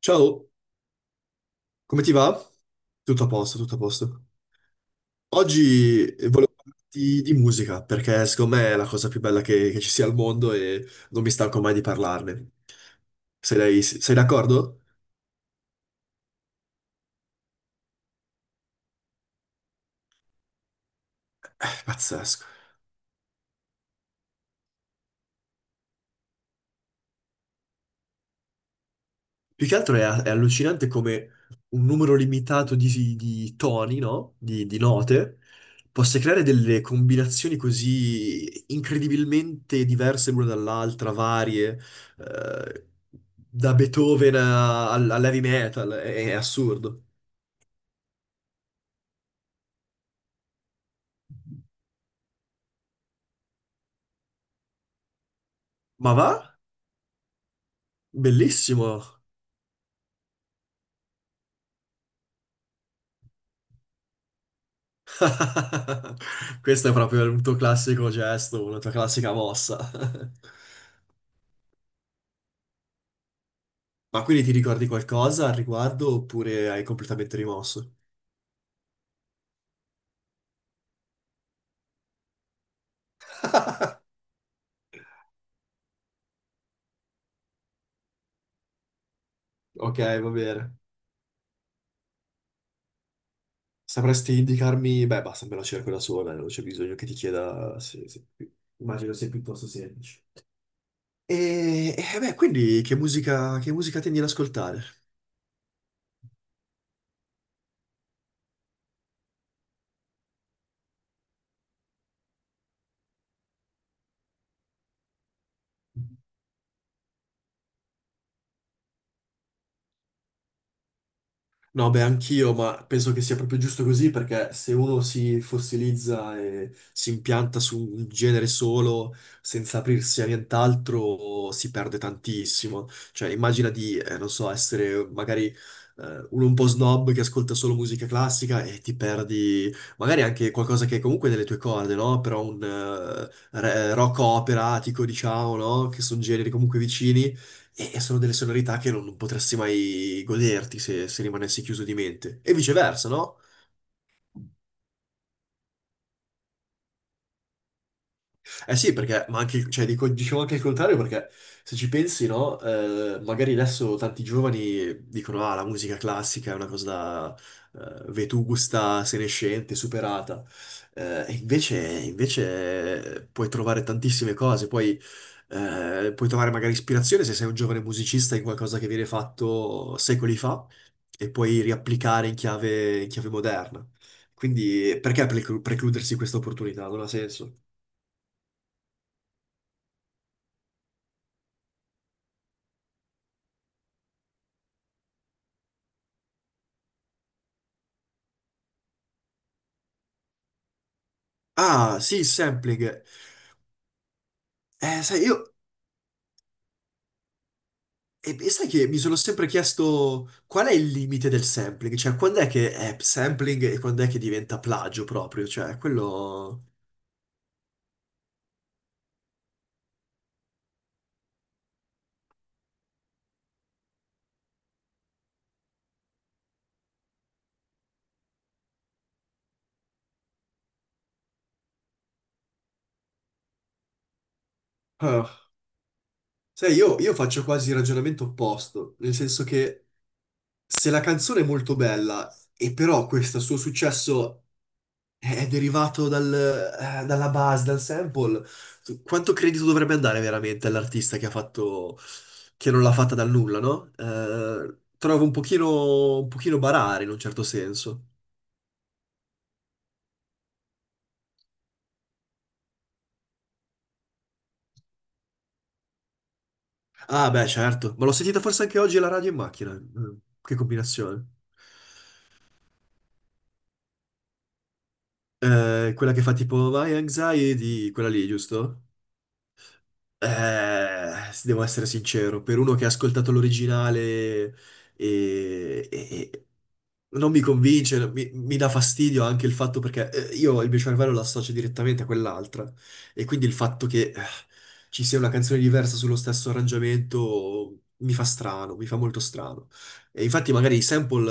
Ciao, come ti va? Tutto a posto, tutto a posto. Oggi volevo parlarti di musica perché secondo me è la cosa più bella che ci sia al mondo e non mi stanco mai di parlarne. Sei d'accordo? Pazzesco. Più che altro è allucinante come un numero limitato di toni, no? Di note, possa creare delle combinazioni così incredibilmente diverse l'una dall'altra, varie, eh, da Beethoven al, all'heavy metal, è assurdo. Ma va? Bellissimo! Questo è proprio un tuo classico gesto, una tua classica mossa. Ma quindi ti ricordi qualcosa al riguardo oppure hai completamente rimosso? Ok, va bene. Sapresti indicarmi? Beh, basta, me la cerco da sola, non c'è bisogno che ti chieda. Immagino sia piuttosto semplice. Beh, quindi che musica tendi ad ascoltare? No, beh, anch'io, ma penso che sia proprio giusto così perché se uno si fossilizza e si impianta su un genere solo senza aprirsi a nient'altro si perde tantissimo. Cioè, immagina di, non so, essere magari uno un po' snob che ascolta solo musica classica e ti perdi magari anche qualcosa che è comunque nelle tue corde, no? Però un rock operatico, diciamo, no? Che sono generi comunque vicini e sono delle sonorità che non potresti mai goderti se rimanessi chiuso di mente. E viceversa, no? Eh sì, perché, ma anche, cioè, dicevo anche il contrario, perché se ci pensi, no, magari adesso tanti giovani dicono, ah, la musica classica è una cosa vetusta, senescente, superata. E invece puoi trovare tantissime cose, poi, puoi trovare magari ispirazione se sei un giovane musicista in qualcosa che viene fatto secoli fa e puoi riapplicare in chiave moderna. Quindi perché precludersi questa opportunità? Non ha senso. Ah, sì, il sampling. Eh, sai, io, e sai che mi sono sempre chiesto qual è il limite del sampling? Cioè, quando è che è sampling e quando è che diventa plagio proprio? Cioè, quello... Ah. Sai, io faccio quasi il ragionamento opposto, nel senso che se la canzone è molto bella e però questo suo successo è derivato dalla base, dal sample. Quanto credito dovrebbe andare veramente all'artista che ha fatto, che non l'ha fatta dal nulla, no? Trovo un pochino barare in un certo senso. Ah, beh, certo, ma l'ho sentita forse anche oggi alla radio in macchina. Mm. Che combinazione. Quella che fa tipo My Anxiety, quella lì, giusto? Se devo essere sincero, per uno che ha ascoltato l'originale e, e- e non mi convince, mi dà fastidio anche il fatto perché io il mio cervello lo associo direttamente a quell'altra e quindi il fatto che ci sia una canzone diversa sullo stesso arrangiamento mi fa strano, mi fa molto strano. E infatti magari il sample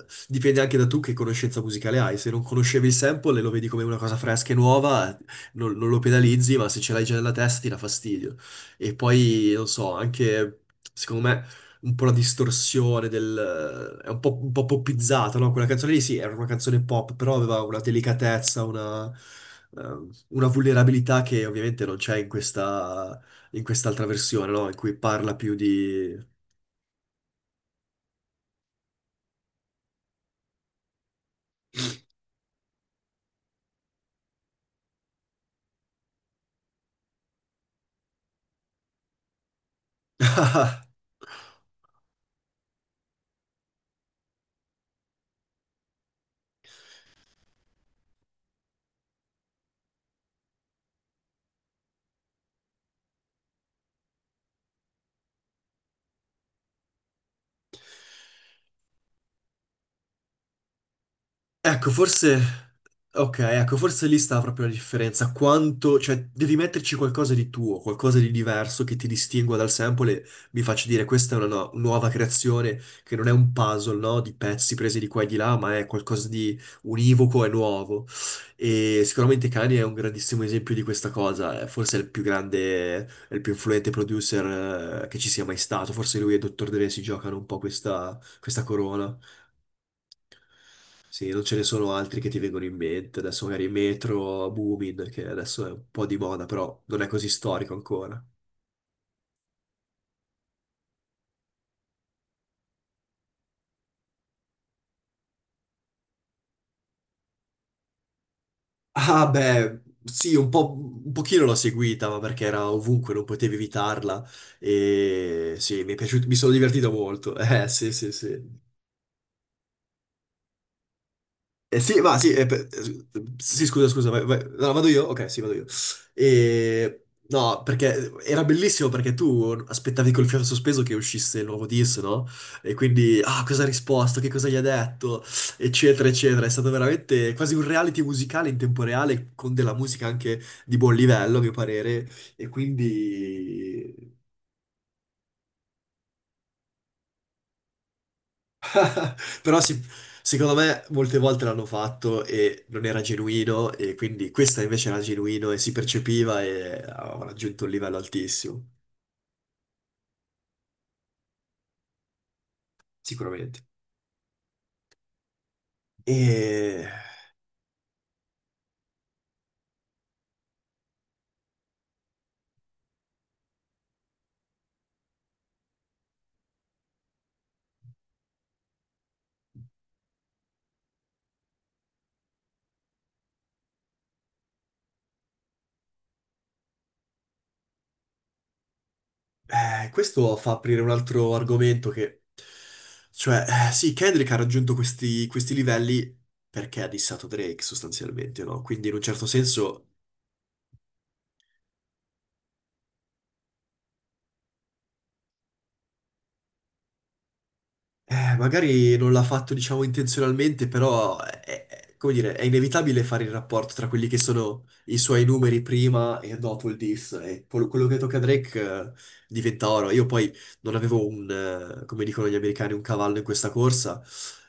dipende anche da tu che conoscenza musicale hai, se non conoscevi il sample e lo vedi come una cosa fresca e nuova, non lo penalizzi, ma se ce l'hai già nella testa ti dà fastidio. E poi, non so, anche secondo me un po' la distorsione del... è un po' poppizzata, no? Quella canzone lì sì, era una canzone pop, però aveva una delicatezza, una vulnerabilità che ovviamente non c'è in questa, in quest'altra versione, no? In cui parla più di... Ecco, forse... Ok, ecco, forse lì sta proprio la differenza. Quanto... Cioè, devi metterci qualcosa di tuo, qualcosa di diverso che ti distingua dal sample e mi faccia dire questa è una nuova creazione che non è un puzzle, no? Di pezzi presi di qua e di là, ma è qualcosa di univoco e nuovo. E sicuramente Kanye è un grandissimo esempio di questa cosa. È forse il più grande, è il più influente producer che ci sia mai stato. Forse lui e Dr. Dre si giocano un po' questa corona. Sì, non ce ne sono altri che ti vengono in mente. Adesso magari Metro, Boomin, che adesso è un po' di moda, però non è così storico ancora. Ah, beh, sì, un po', un pochino l'ho seguita, ma perché era ovunque, non potevi evitarla. E sì, mi è piaciuto, mi sono divertito molto. Sì, sì, sì. Eh sì, va, sì, eh, per- eh, sì, scusa, scusa, vai. No, vado io? Ok, sì, vado io. E... No, perché era bellissimo perché tu aspettavi col fiato sospeso che uscisse il nuovo disco, no? E quindi, ah, cosa ha risposto, che cosa gli ha detto, eccetera, eccetera. È stato veramente quasi un reality musicale in tempo reale con della musica anche di buon livello, a mio parere. E quindi... Però sì, secondo me molte volte l'hanno fatto e non era genuino e quindi questa invece era genuino e si percepiva e aveva raggiunto un livello altissimo, sicuramente. E questo fa aprire un altro argomento che, cioè, sì, Kendrick ha raggiunto questi, questi livelli perché ha dissato Drake sostanzialmente, no? Quindi in un certo senso eh, magari non l'ha fatto, diciamo, intenzionalmente, è- come dire, è inevitabile fare il rapporto tra quelli che sono i suoi numeri prima e dopo il diss. E quello quello che tocca a Drake, diventa oro. Io poi non avevo come dicono gli americani, un cavallo in questa corsa,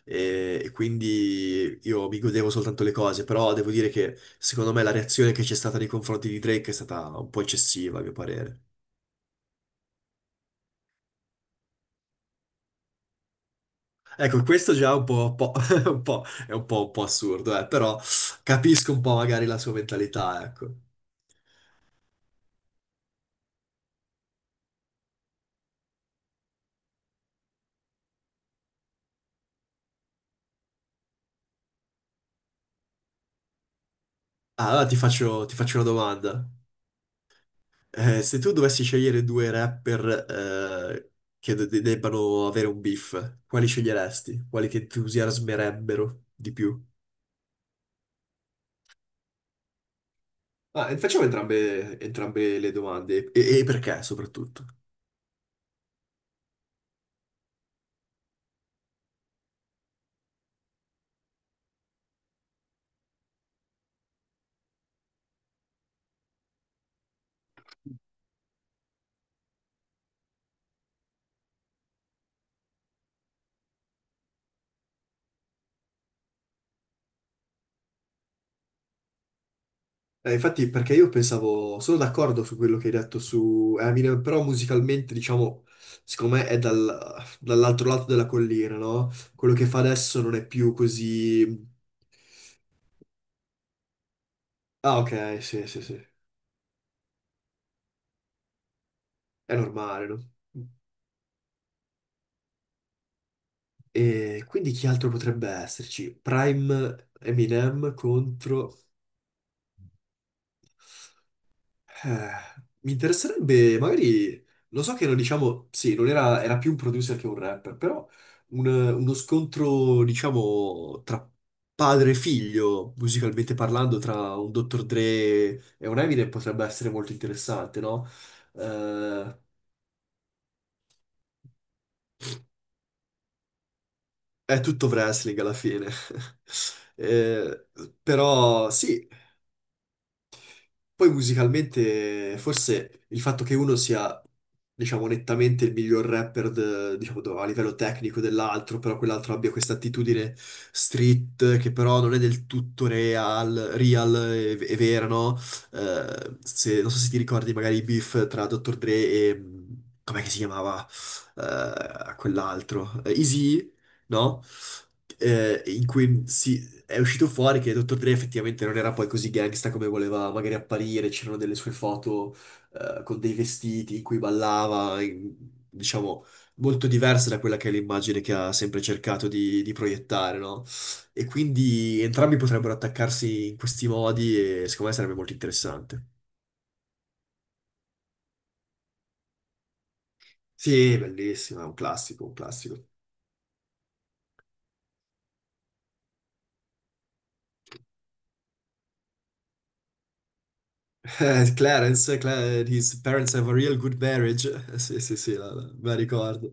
e quindi io mi godevo soltanto le cose, però devo dire che secondo me la reazione che c'è stata nei confronti di Drake è stata un po' eccessiva, a mio parere. Ecco, questo già è un po', è un po' assurdo, però capisco un po' magari la sua mentalità, ecco. Ah, allora ti faccio una domanda. Se tu dovessi scegliere due rapper eh, che debbano avere un beef, quali sceglieresti? Quali ti entusiasmerebbero di più? Ah, e facciamo entrambe, entrambe le domande e perché soprattutto. Infatti, perché io pensavo, sono d'accordo su quello che hai detto su Eminem, però musicalmente, diciamo, secondo me è dall'altro lato della collina, no? Quello che fa adesso non è più così... Ah, ok, sì, sì, sì, è normale, no? E quindi chi altro potrebbe esserci? Prime Eminem contro... Eh, mi interesserebbe, magari, lo so che non diciamo, sì, non era, era più un producer che un rapper, però uno scontro, diciamo, tra padre e figlio, musicalmente parlando, tra un Dr. Dre e un Eminem potrebbe essere molto interessante, no? Eh, è tutto wrestling alla fine. Eh, però sì, poi musicalmente, forse il fatto che uno sia, diciamo, nettamente il miglior rapper, diciamo, a livello tecnico dell'altro, però quell'altro abbia questa attitudine street, che però non è del tutto real, real e vera, no? Non so se ti ricordi magari i beef tra Dr. Dre e... com'è che si chiamava? Eh, quell'altro? Eazy-E, no? In cui si è uscito fuori che Dr. Dre effettivamente non era poi così gangsta come voleva magari apparire, c'erano delle sue foto con dei vestiti in cui ballava, diciamo, molto diverse da quella che è l'immagine che ha sempre cercato di proiettare, no? E quindi entrambi potrebbero attaccarsi in questi modi e secondo me sarebbe molto interessante. Sì, bellissimo, è un classico, un classico. Clarence, Cla- his parents have a real good marriage. Sì, sì, sì, me la ricordo.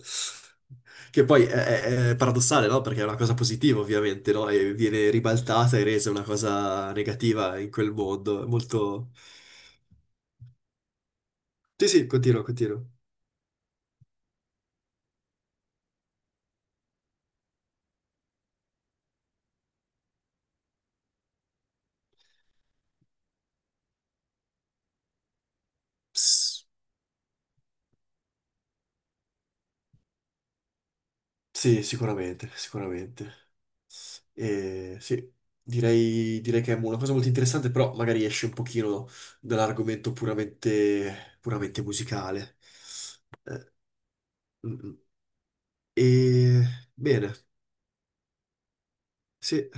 Che poi è, è paradossale, no? Perché è una cosa positiva, ovviamente, no? E viene ribaltata e resa una cosa negativa in quel mondo. È molto... Sì, sì, continuo, continuo. Pss. Sì, sicuramente, sicuramente. E sì, direi, direi che è una cosa molto interessante, però magari esce un pochino dall'argomento puramente, puramente musicale. Eh, mm, mm. E bene, sì,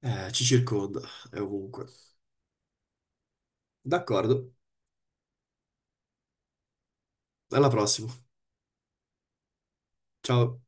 ci circonda, è ovunque. D'accordo, alla prossima. Ciao.